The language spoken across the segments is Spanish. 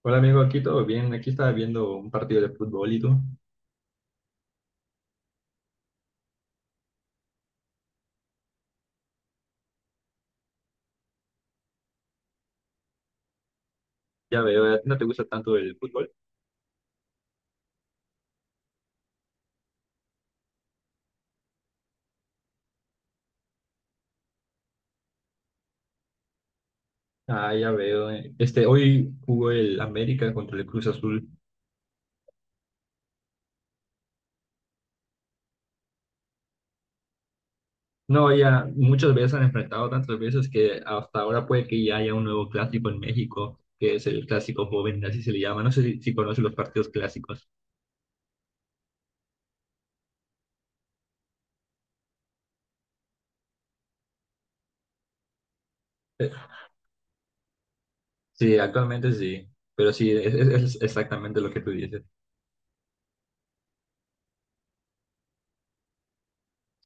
Hola amigo, aquí todo bien. Aquí estaba viendo un partido de fútbol y tú. Ya veo, ¿a ti no te gusta tanto el fútbol? Ah, ya veo. Hoy jugó el América contra el Cruz Azul. No, ya muchas veces han enfrentado tantas veces que hasta ahora puede que ya haya un nuevo clásico en México, que es el clásico joven, así se le llama. No sé si conoces los partidos clásicos. Eh, Sí, actualmente sí, pero sí, es exactamente lo que tú dices.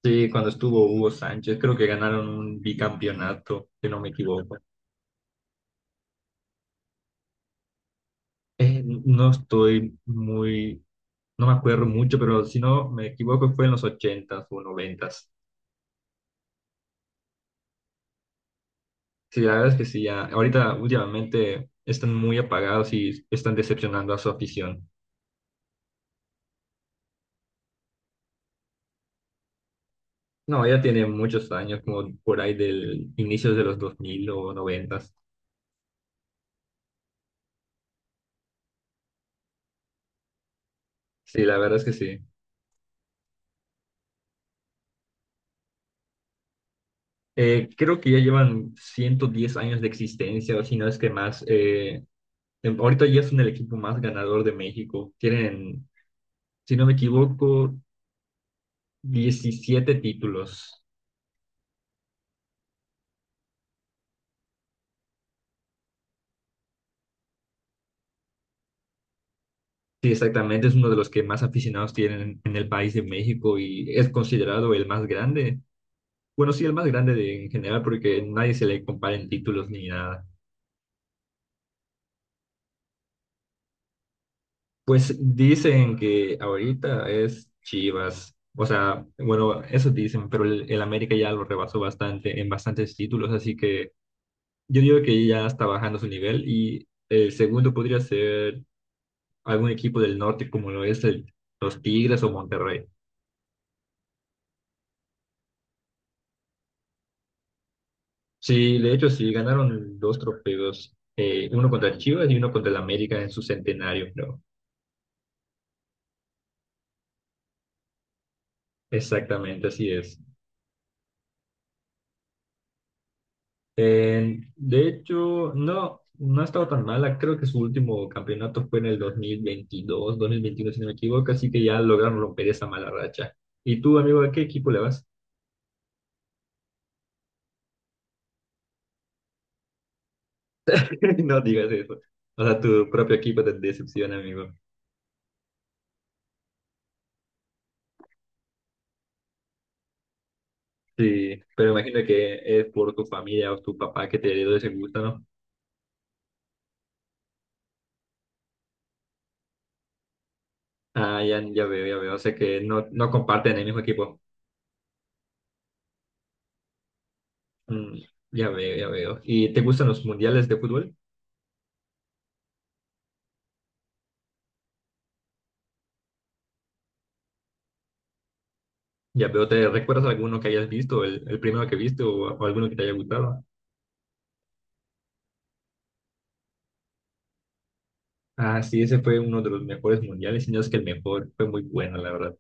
Sí, cuando estuvo Hugo Sánchez, creo que ganaron un bicampeonato, si no me equivoco. No estoy muy, no me acuerdo mucho, pero si no me equivoco fue en los ochentas o noventas. Sí, la verdad es que sí, ya, ahorita últimamente están muy apagados y están decepcionando a su afición. No, ella tiene muchos años, como por ahí del inicio de los 2000 o noventas. Sí, la verdad es que sí. Creo que ya llevan 110 años de existencia, o si no es que más. Ahorita ya son el equipo más ganador de México. Tienen, si no me equivoco, 17 títulos. Sí, exactamente, es uno de los que más aficionados tienen en el país de México y es considerado el más grande. Bueno, sí, el más grande en general, porque nadie se le compara en títulos ni nada. Pues dicen que ahorita es Chivas. O sea, bueno, eso dicen, pero el América ya lo rebasó bastante en bastantes títulos, así que yo digo que ya está bajando su nivel y el segundo podría ser algún equipo del norte como lo es los Tigres o Monterrey. Sí, de hecho sí, ganaron dos trofeos, uno contra Chivas y uno contra el América en su centenario, creo. Exactamente, así es. De hecho, no, no ha estado tan mala, creo que su último campeonato fue en el 2022, 2021 si no me equivoco, así que ya lograron romper esa mala racha. ¿Y tú, amigo, a qué equipo le vas? No digas eso. O sea, tu propio equipo te decepciona, amigo. Sí, pero imagino que es por tu familia o tu papá que te heredó ese gusto, ¿no? Ah, ya, ya veo, ya veo. O sea que no, no comparten el mismo equipo. Mm, ya veo, ya veo. ¿Y te gustan los mundiales de fútbol? Ya veo, ¿te recuerdas alguno que hayas visto, el primero que viste o alguno que te haya gustado? Ah, sí, ese fue uno de los mejores mundiales, y no es que el mejor, fue muy bueno, la verdad.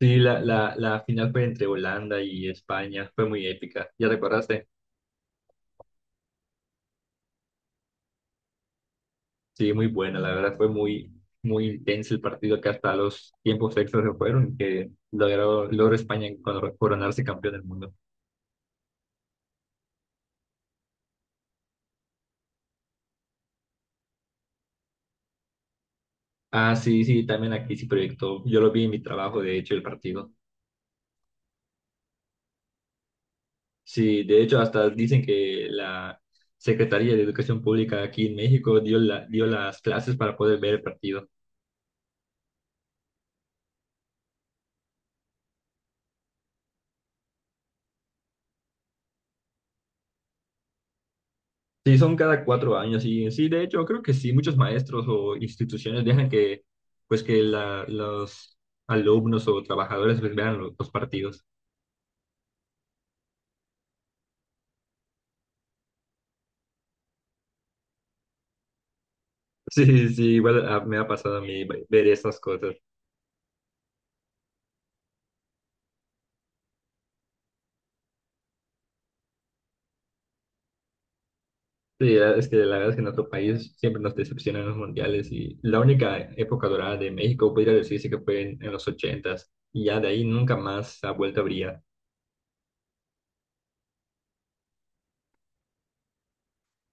Sí, la final fue entre Holanda y España, fue muy épica. ¿Ya recordaste? Sí, muy buena, la verdad, fue muy, muy intenso el partido que hasta los tiempos extras se fueron, que logró España coronarse campeón del mundo. Ah, sí, sí, también aquí sí proyectó. Yo lo vi en mi trabajo, de hecho, el partido. Sí, de hecho, hasta dicen que la Secretaría de Educación Pública aquí en México dio las clases para poder ver el partido. Sí, son cada 4 años y sí, de hecho, creo que sí, muchos maestros o instituciones dejan que, pues, los alumnos o trabajadores pues, vean los partidos. Sí, sí, sí, igual me ha pasado a mí ver esas cosas. Sí, es que la verdad es que en nuestro país siempre nos decepcionan los mundiales y la única época dorada de México podría decirse que fue en los ochentas y ya de ahí nunca más ha vuelto a brillar.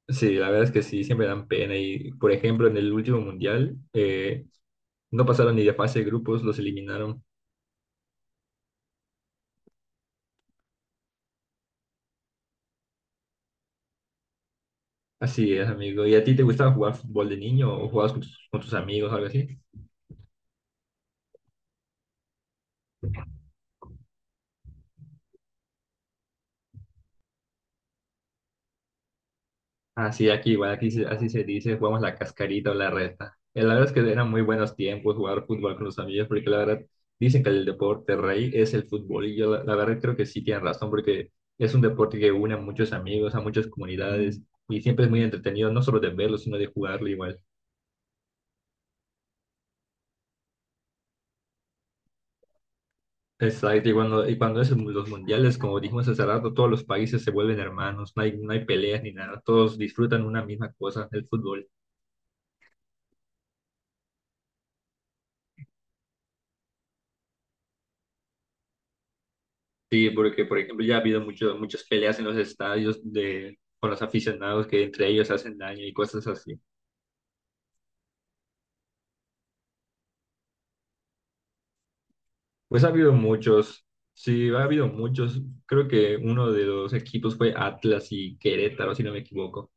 Sí, la verdad es que sí, siempre dan pena y por ejemplo en el último mundial no pasaron ni de fase de grupos, los eliminaron. Así es, amigo. ¿Y a ti te gustaba jugar fútbol de niño o jugabas con tus amigos o algo así? Así aquí, igual así se dice, jugamos la cascarita o la reta. Y la verdad es que eran muy buenos tiempos jugar fútbol con los amigos, porque la verdad dicen que el deporte rey es el fútbol. Y yo la verdad creo que sí tienen razón, porque es un deporte que une a muchos amigos, a muchas comunidades, y siempre es muy entretenido, no solo de verlo, sino de jugarlo igual. Exacto, y cuando es en los mundiales, como dijimos hace rato, todos los países se vuelven hermanos, no hay, no hay peleas ni nada, todos disfrutan una misma cosa, el fútbol. Sí, porque por ejemplo ya ha habido muchas peleas en los estadios de, con los aficionados que entre ellos hacen daño y cosas así. Pues ha habido muchos, sí, ha habido muchos. Creo que uno de los equipos fue Atlas y Querétaro, si no me equivoco.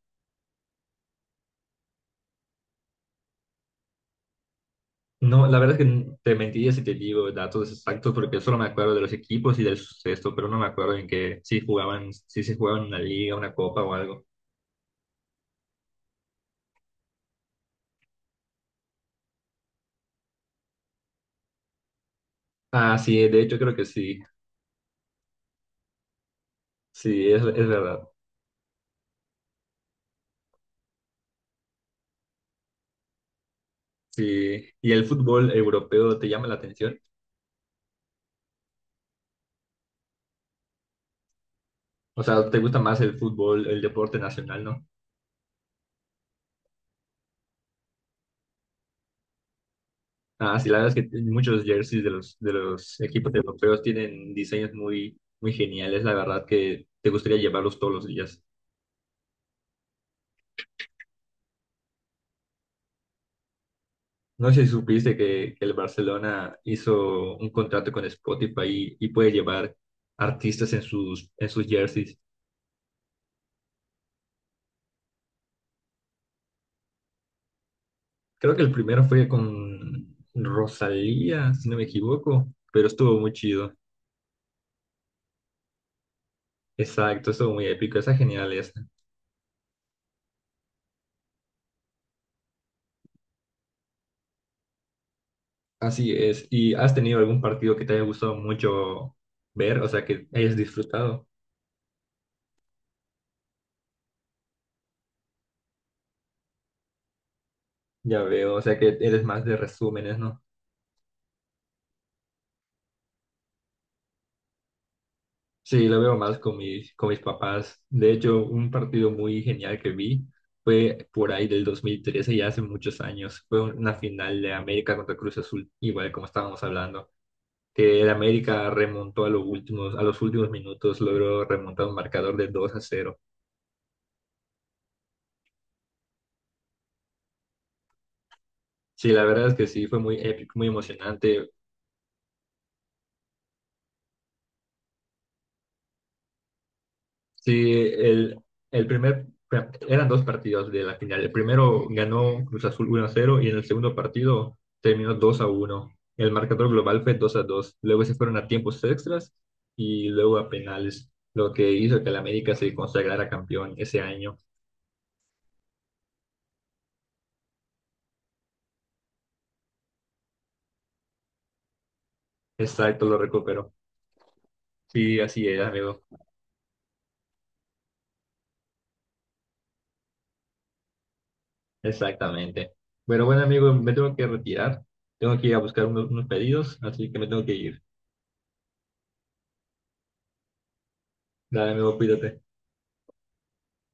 No, la verdad es que te mentiría si te digo datos exactos porque solo me acuerdo de los equipos y del suceso, pero no me acuerdo en que si jugaban, si se jugaban una liga, una copa o algo. Ah, sí, de hecho creo que sí, sí, es verdad. Sí. ¿Y el fútbol europeo te llama la atención? O sea, te gusta más el fútbol, el deporte nacional, ¿no? Ah, sí, la verdad es que muchos jerseys de los equipos europeos tienen diseños muy, muy geniales, la verdad que te gustaría llevarlos todos los días. No sé si supiste que el Barcelona hizo un contrato con Spotify y puede llevar artistas en sus jerseys. Creo que el primero fue con Rosalía, si no me equivoco, pero estuvo muy chido. Exacto, estuvo muy épico, esa genial. Así es. ¿Y has tenido algún partido que te haya gustado mucho ver? O sea, que hayas disfrutado. Ya veo. O sea, que eres más de resúmenes, ¿no? Sí, lo veo más con mis papás. De hecho, un partido muy genial que vi fue por ahí del 2013, ya hace muchos años. Fue una final de América contra Cruz Azul, igual como estábamos hablando. Que el América remontó a a los últimos minutos, logró remontar un marcador de 2-0. Sí, la verdad es que sí, fue muy épico, muy emocionante. Sí, el primer, bueno, eran dos partidos de la final. El primero ganó Cruz Azul 1-0 y en el segundo partido terminó 2-1. El marcador global fue 2-2. Luego se fueron a tiempos extras y luego a penales, lo que hizo que el América se consagrara campeón ese año. Exacto, lo recuperó. Sí, así es, amigo. Exactamente. Pero bueno, amigo, me tengo que retirar. Tengo que ir a buscar unos pedidos, así que me tengo que ir. Dale, amigo, cuídate.